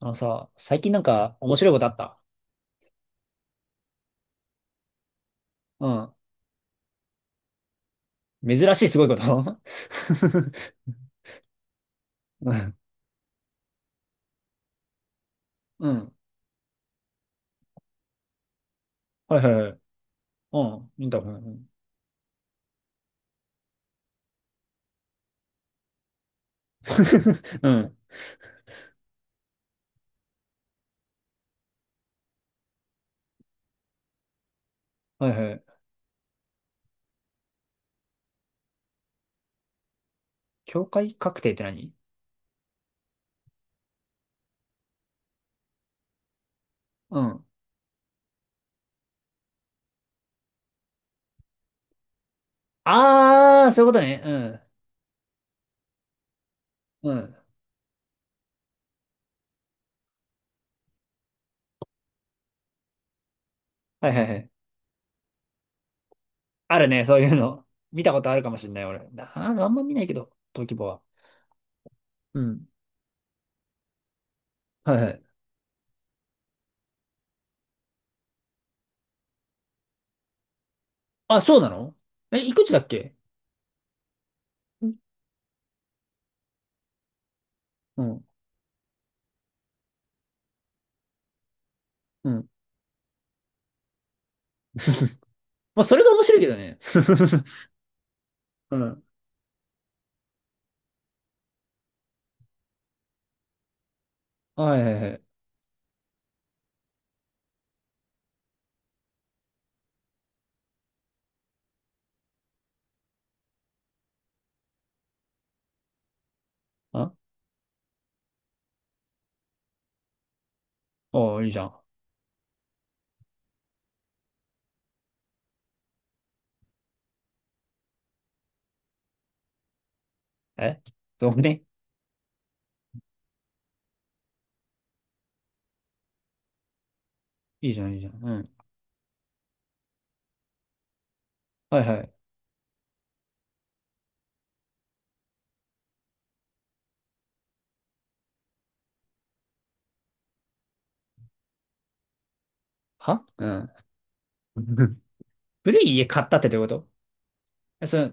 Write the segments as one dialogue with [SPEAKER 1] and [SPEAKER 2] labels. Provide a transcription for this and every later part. [SPEAKER 1] あのさ、最近なんか面白いことあった？うん。珍しいすごいこと？ うん。うん。はいはいはい。うん。インターホン。うん。うん。はいはい。境界確定って何？うん。あー、そういうことね。うん。うん。はいはいはい。あるね、そういうの。見たことあるかもしれない、俺。な、ああんま見ないけど、登記簿は。うん。はいはい。あ、そうなの？え、いくつだっけ？うんうん。うん。まあ、それが面白いけどね。うん。はいはいはい。あ、おー、いいじゃん。え、そうね。いいじゃん、いいじゃん。うん。はいはい。は、うん。古い家買ったってどういうこと？え、それ、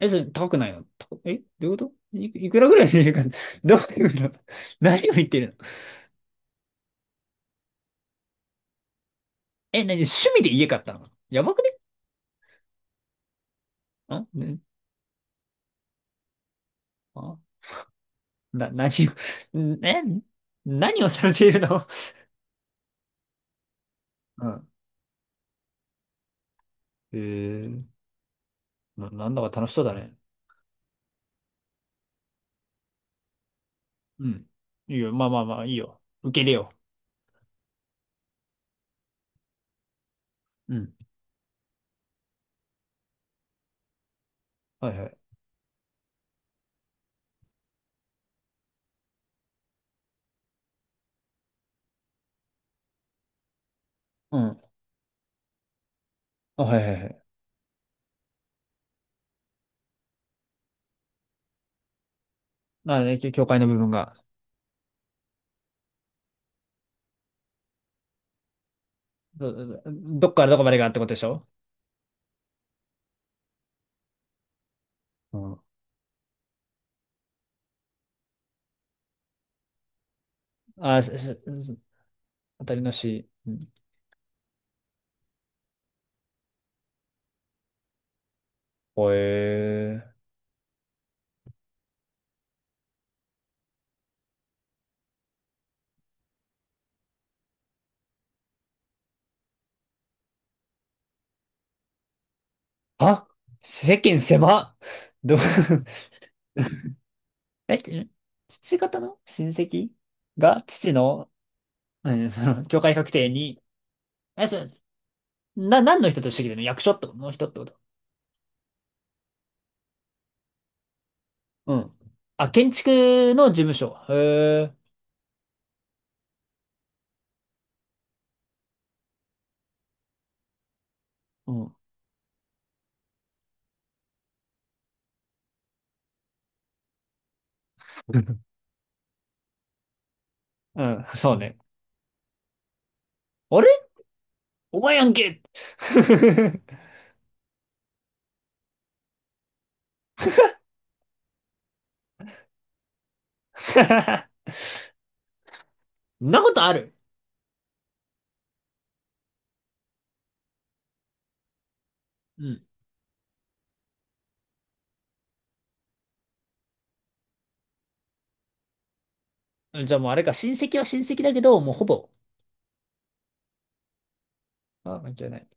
[SPEAKER 1] え、それ高くないの？た、え、どういうこと？い、いくらぐらいの家買った？ どういうこと？ 何を言ってるの？え、何趣味で家買ったの？やばくね？ん、ね。あ、な、何を、ん、え、何をされているの？ うん。え、ー、な、なんだか楽しそうだね。うん。いいよ。まあまあまあ、いいよ。受け入れよう。うん。はいはい。うん。あ、はいはいはい。なので、教会の部分が。ど、どっからどこまでがってことでしょ？うん。あ、し、し当たりの市。うん。ほえー。あ、世間狭っ。ど、え、ん、父方の親戚が父の、うん、その、教会確定に、え、それ、な、何の人としてきてるの？役所ってことの人ってこと？うん。あ、建築の事務所。へえ。うん。うん、そうね。あれ？お前やんけ。 そんなことある？うん。じゃあもうあれか、親戚は親戚だけど、もうほぼ、あ、関係ない。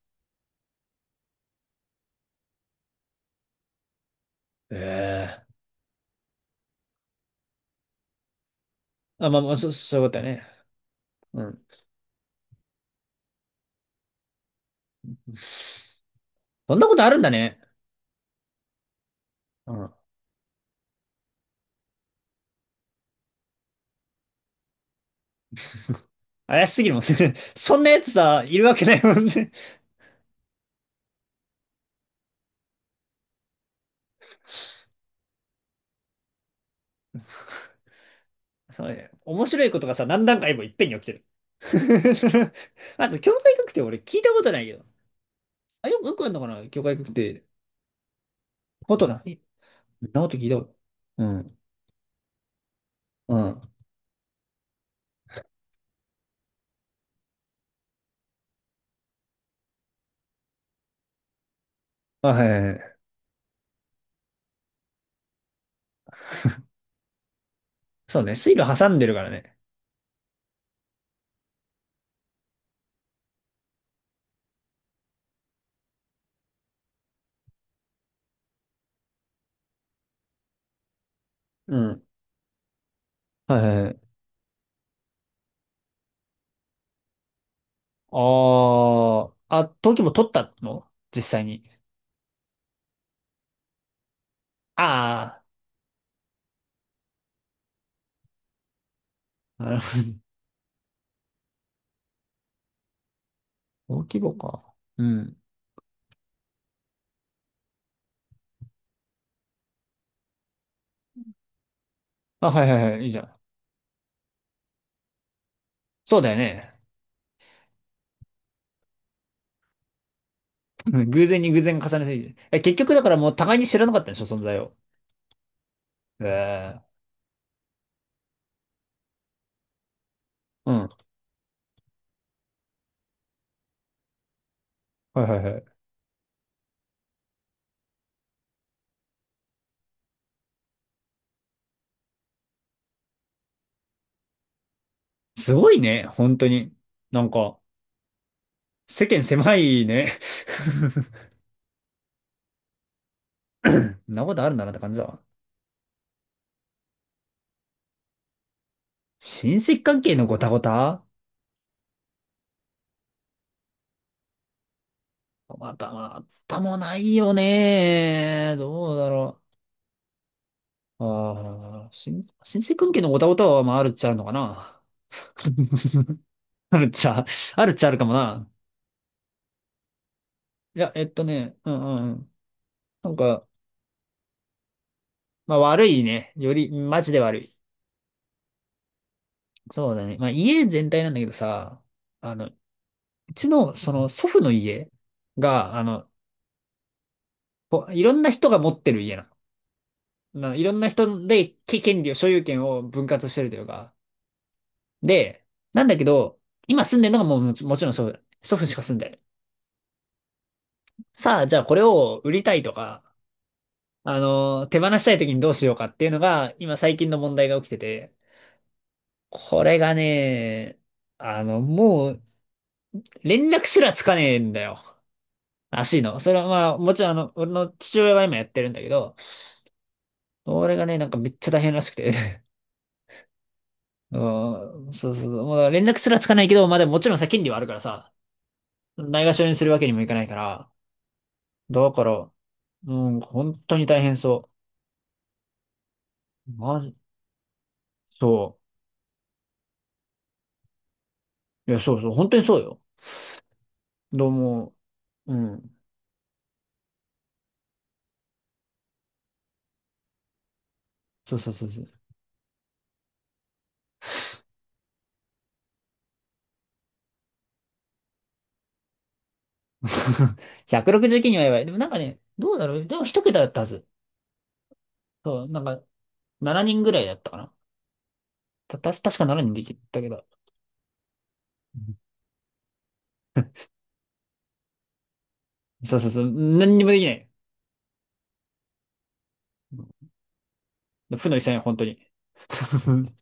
[SPEAKER 1] え、え、あ、まあまあ、そ、そういうことだね。うん。そんなことあるんだね。うん。怪しすぎるもんね。そんなやつさ、いるわけないもんね。そうね。面白いことがさ、何段階もいっぺんに起きてる。その、まず、教会学って俺聞いたことないけど。あ、よく、よくあるのかな、教会学って。ことない。そんなこと聞いたこと。うん。うん。あ、はいはいはい。そうね。水路挟んでるからね。うん。はいはい。ああ、あ、登記簿取ったの実際に？ああ、なるほど。登記簿か。うん。あ、はいはいはい、いいじゃん。そうだよね。偶然に偶然重ねすぎて。え、結局だからもう互いに知らなかったんでしょ、存在を。え、え、うん。はいはいはい。すごいね、本当に。なんか、世間狭いね。そんなことあるんだなって感じだわ。親戚関係のごたごた？またまたもないよね。どうだろう。ああ、親親戚関係のオタオタは、まあ、あるっちゃあるのかな。あるっちゃ、あるっちゃあるかもな。いや、えっとね、うんうんうん。なんか、まあ悪いね。より、マジで悪い。そうだね。まあ家全体なんだけどさ、あの、うちの、その祖父の家が、あの、こういろんな人が持ってる家なの。な、いろんな人で、け、権利を、所有権を分割してるというか。で、なんだけど、今住んでるのがもう、もち、もちろん祖父。祖父しか住んでる。さあ、じゃあこれを売りたいとか、あの、手放したい時にどうしようかっていうのが、今最近の問題が起きてて、これがね、あの、もう、連絡すらつかねえんだよ。らしいの。それはまあ、もちろんあの、俺の父親は今やってるんだけど、俺がね、なんかめっちゃ大変らしくて。うん、そうそうそう。もうだから連絡すらつかないけど、まあでももちろんさ、権利はあるからさ、ないがしろにするわけにもいかないから、だから、うん、本当に大変そう。まじ、そう。いや、そうそう、本当にそうよ。どうも、うん。そうそうそうそう。169人はやばい。でもなんかね、どうだろう。でも一桁だったはず。そう、なんか7人ぐらいだったかな。た、た、確か7人できたけど。うん、そうそうそう。何にもできない。うん、負の遺産よ、本当に。